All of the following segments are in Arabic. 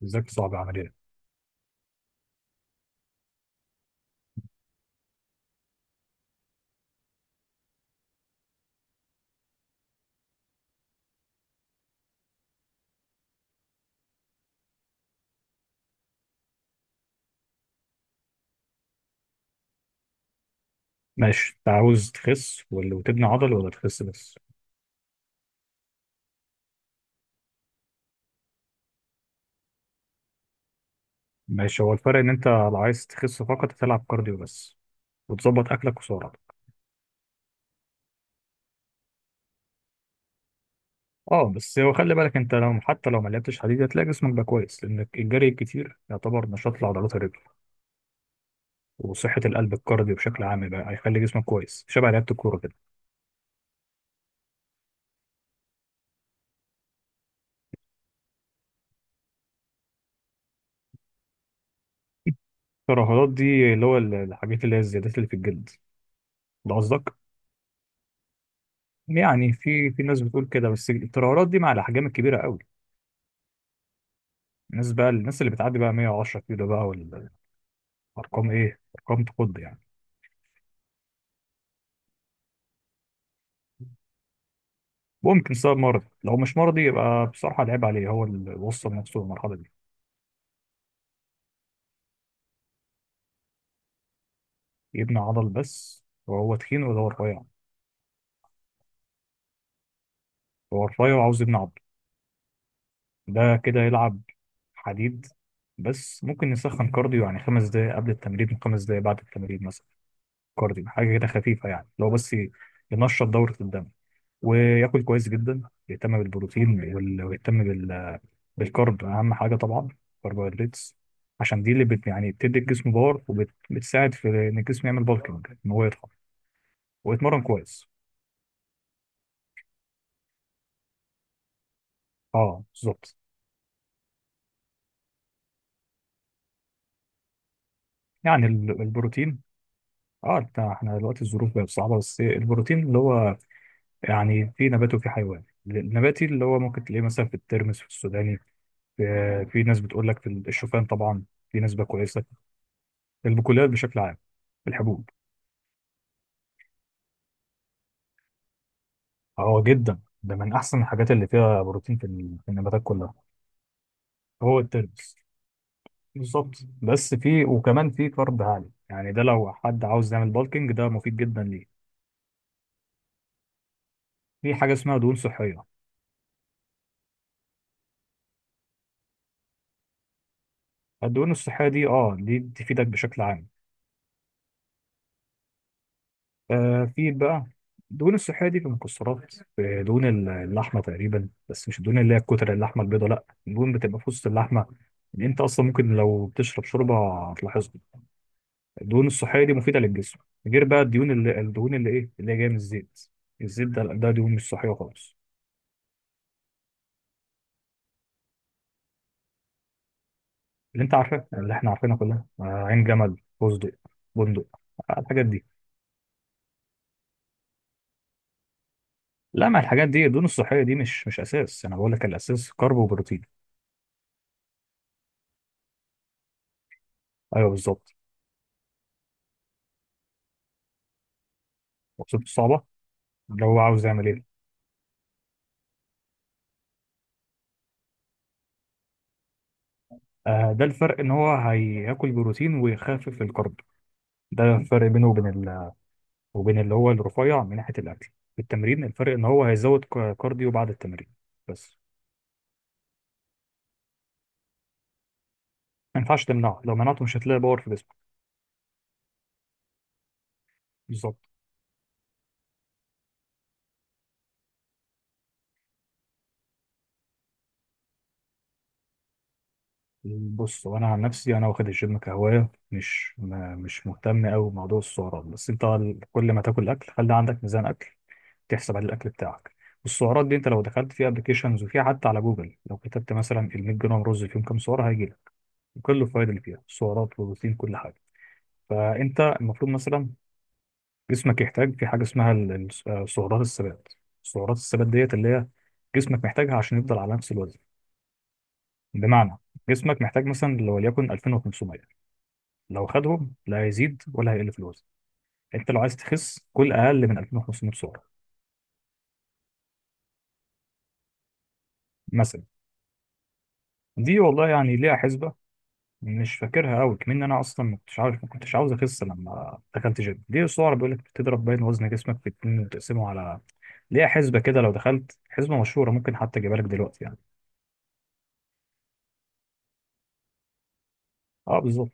بالذات صعب عمليا. ماشي، انت عاوز تخس ولا وتبني عضل، ولا تخس بس؟ ماشي، هو الفرق ان انت لو عايز تخس فقط تلعب كارديو بس وتظبط اكلك وسعراتك. اه، بس هو خلي بالك، انت لو حتى لو ما لعبتش حديد هتلاقي جسمك بقى كويس، لان الجري الكتير يعتبر نشاط لعضلات الرجل وصحة القلب. الكارديو بشكل عام بقى هيخلي جسمك كويس، شبه لعبة الكورة كده. الترهلات دي اللي هو الحاجات اللي هي الزيادات اللي في الجلد، ده قصدك؟ يعني في ناس بتقول كده، بس الترهلات دي مع الاحجام الكبيرة قوي. الناس اللي بتعدي بقى 110 كيلو بقى، والارقام ايه، ارقام تخض يعني. ممكن سبب مرضي، لو مش مرضي يبقى بصراحه العيب عليه هو اللي وصل نفسه للمرحله دي. يبني عضل بس وهو تخين ولا هو رفيع؟ هو رفيع وعاوز يبني عضل، ده كده يلعب حديد، بس ممكن يسخن كارديو يعني خمس دقايق قبل التمرين وخمس دقايق بعد التمرين مثلا. كارديو حاجه كده خفيفه، يعني لو بس ينشط دوره الدم وياكل كويس جدا، يهتم بالبروتين ويهتم بالكرب، اهم حاجه طبعا الكربوهيدرات، عشان دي اللي يعني بتدي الجسم باور، وبتساعد في ان الجسم يعمل بالكينج، ان هو يضخم ويتمرن كويس. اه، بالظبط. يعني البروتين، اه، احنا دلوقتي الظروف بقت صعبه، بس البروتين اللي هو يعني في نبات وفي حيوان. النباتي اللي هو ممكن تلاقيه مثلا في الترمس، في السوداني، في, في ناس بتقول لك في الشوفان طبعا، في نسبه كويسه. البقوليات بشكل عام، الحبوب، اه، جدا، ده من احسن الحاجات اللي فيها بروتين في النباتات كلها. هو الترمس بالظبط، بس في وكمان في كارب عالي، يعني ده لو حد عاوز يعمل بالكينج ده مفيد جدا ليه. في حاجه اسمها دهون صحيه. الدهون الصحيه دي، اه، دي تفيدك بشكل عام. في بقى الدهون الصحيه دي في المكسرات، في دهون اللحمه تقريبا، بس مش الدهون اللي هي الكتل، اللحمه البيضاء لا، الدهون بتبقى في وسط اللحمه، اللي انت اصلا ممكن لو بتشرب شوربه هتلاحظها. الدهون الصحيه دي مفيده للجسم، غير بقى الدهون اللي ايه اللي هي جايه من الزيت. الزيت ده دهون مش صحيه خالص. اللي انت عارفاه، اللي احنا عارفينها كلها، عين جمل، فستق، بندق، الحاجات دي. لا، ما الحاجات دي الدهون الصحيه دي مش اساس، انا بقول لك الاساس كارب وبروتين. ايوه، بالظبط. وصفته صعبه، اللي هو عاوز يعمل ايه؟ آه، ده الفرق، ان هو هياكل بروتين ويخفف الكارب. ده الفرق بينه وبين وبين اللي هو الرفيع من ناحيه الاكل. في التمرين، الفرق ان هو هيزود كارديو بعد التمرين بس. ما ينفعش تمنعه، لو منعته مش هتلاقي باور في جسمك. بالظبط. بص، وانا عن نفسي انا واخد الجيم كهوايه، مش ما مش مهتم قوي بموضوع السعرات، بس انت كل ما تاكل اكل خلي عندك ميزان اكل تحسب عليه الاكل بتاعك. والسعرات دي انت لو دخلت في ابلكيشنز، وفي حتى على جوجل لو كتبت مثلا ال 100 جرام رز فيهم كام سعره هيجي لك، وكل الفوائد اللي فيها سعرات وبروتين، كل حاجه. فانت المفروض مثلا جسمك يحتاج في حاجه اسمها سعرات الثبات. سعرات الثبات ديت اللي هي جسمك محتاجها عشان يفضل على نفس الوزن. بمعنى، جسمك محتاج مثلا لو وليكن 2500، لو خدهم لا هيزيد ولا هيقل في الوزن. انت لو عايز تخس كل اقل من 2500 سعره مثلا. دي والله يعني ليها حسبه، مش فاكرها قوي، كمان انا اصلا ما كنتش عارف، ما كنتش عاوز اخس لما دخلت جيم. دي السعره بيقول لك بتضرب، باين وزن جسمك في اتنين وتقسمه على، ليها حسبه كده. لو دخلت حسبه مشهوره ممكن حتى اجيبها لك دلوقتي يعني. اه، بالظبط.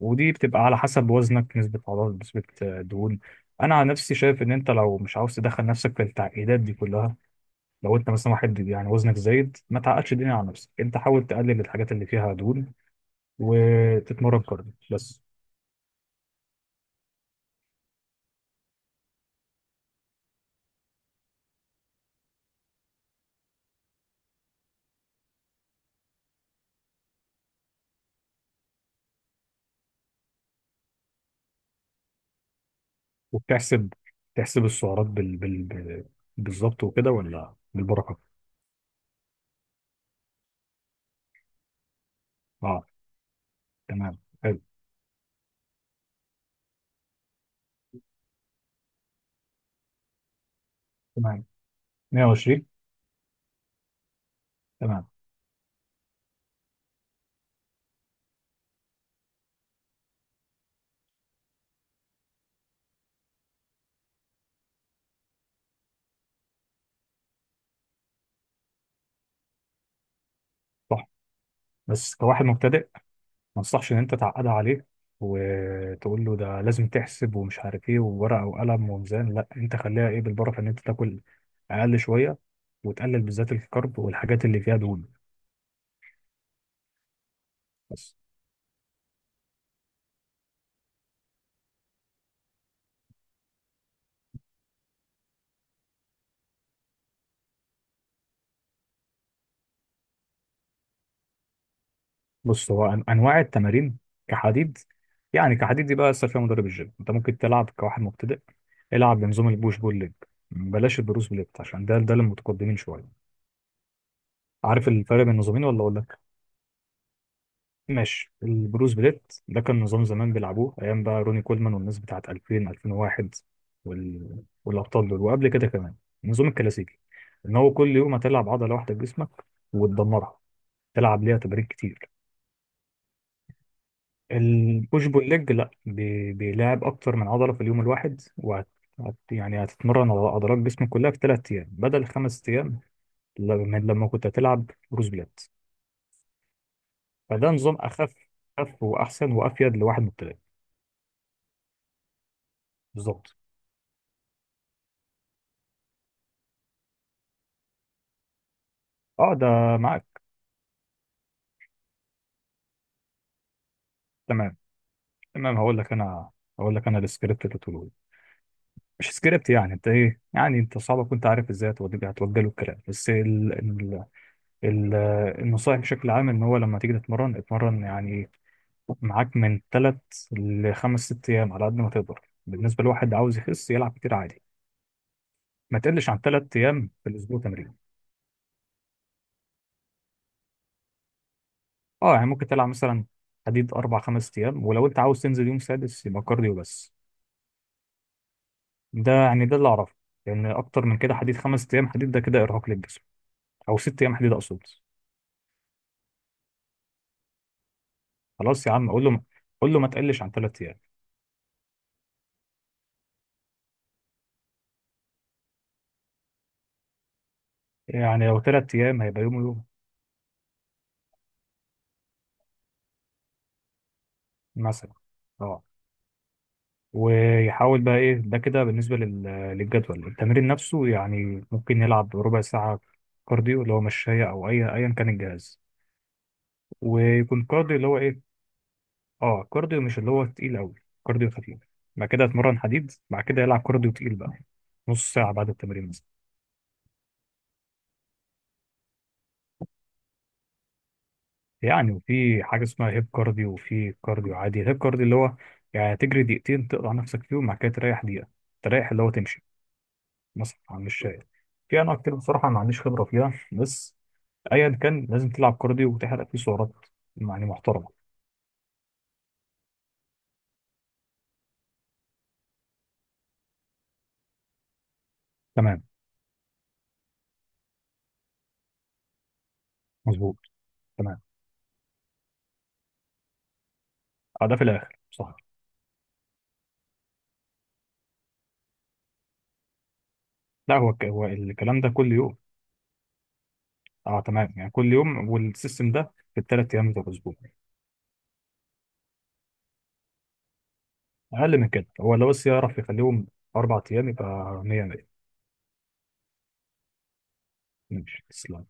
ودي بتبقى على حسب وزنك، نسبه عضلات، نسبه دهون. انا عن نفسي شايف ان انت لو مش عاوز تدخل نفسك في التعقيدات دي كلها، لو انت مثلا واحد يعني وزنك زايد، ما تعقدش الدنيا على نفسك، انت حاول تقلل الحاجات اللي فيها دهون وتتمرن كارديو بس. وبتحسب تحسب السعرات بالظبط وكده، ولا بالبركه؟ اه، تمام، حلو. تمام. 120. تمام، صح، بس كواحد مبتدئ ما انصحش ان انت تعقدها عليه وتقول له ده لازم تحسب، ومش عارف ايه، وورقه وقلم وميزان، لا، انت خليها ايه، بالبركه، ان انت تاكل اقل شويه وتقلل بالذات الكرب والحاجات اللي فيها دهون. بس. بص، هو انواع التمارين كحديد، يعني كحديد دي بقى لسه فيها مدرب الجيم. انت ممكن تلعب كواحد مبتدئ، العب بنظام البوش بول ليج، بلاش البروس بليت عشان ده للمتقدمين شويه. عارف الفرق بين النظامين ولا اقول لك؟ ماشي، البروس بليت ده كان نظام زمان بيلعبوه ايام بقى روني كولمان، والناس بتاعت 2000 2001 وال... والابطال دول وقبل كده كمان، النظام الكلاسيكي، ان هو كل يوم هتلعب عضله واحده بجسمك وتدمرها، تلعب ليها تمارين كتير. البوش بول ليج لا، بيلعب اكتر من عضله في اليوم الواحد، يعني هتتمرن على عضلات جسمك كلها في ثلاث ايام بدل خمس ايام، لما كنت هتلعب بروس بلات. فده نظام اخف، اخف واحسن وافيد لواحد مبتدئ. بالظبط. اه، ده معاك. تمام. تمام، هقول لك انا السكريبت اللي تقوله لي. مش سكريبت يعني، انت ايه يعني، انت صعب كنت عارف ازاي هتوجه له الكلام، بس ال... النصائح بشكل عام، ان هو لما تيجي تتمرن اتمرن يعني، معاك من تلات لخمس ست أيام على قد ما تقدر. بالنسبة لواحد عاوز يخس يلعب كتير عادي، ما تقلش عن تلات أيام في الأسبوع تمرين. أه، يعني ممكن تلعب مثلا حديد أربع خمس أيام، ولو أنت عاوز تنزل يوم سادس يبقى كارديو بس. ده يعني ده اللي أعرفه، لأن أكتر من كده حديد، خمس أيام حديد ده كده إرهاق للجسم، أو ست أيام حديد أقصد. خلاص يا عم، قول له ما تقلش عن تلات أيام. يعني لو تلات أيام هيبقى يوم ويوم مثلا. أه، ويحاول بقى ايه، ده كده بالنسبه للجدول. التمرين نفسه يعني ممكن يلعب ربع ساعه كارديو، اللي هو مشاية او اي ايا كان الجهاز، ويكون كارديو اللي هو ايه؟ اه، كارديو مش اللي هو تقيل قوي، كارديو خفيف، بعد كده يتمرن حديد، بعد كده يلعب كارديو تقيل بقى، نص ساعه بعد التمرين مثلا. يعني، وفي حاجه اسمها هيب كارديو، وفي كارديو عادي. هيب كارديو اللي هو يعني تجري دقيقتين تقطع نفسك فيهم، بعد كده تريح دقيقه، تريح اللي هو تمشي مثلا على المشاية. في انواع كتير بصراحه ما عنديش خبره فيها، بس ايا كان لازم تلعب كارديو وتحرق فيه سعرات يعني محترمه. تمام، مظبوط. تمام. اه، ده في الاخر صح. لا، هو هو الكلام ده كل يوم. اه، تمام، يعني كل يوم، والسيستم ده في الثلاث ايام بتوع الاسبوع. اقل من كده هو لو بس يعرف يخليهم اربع ايام يبقى 100 100. ماشي، تسلم.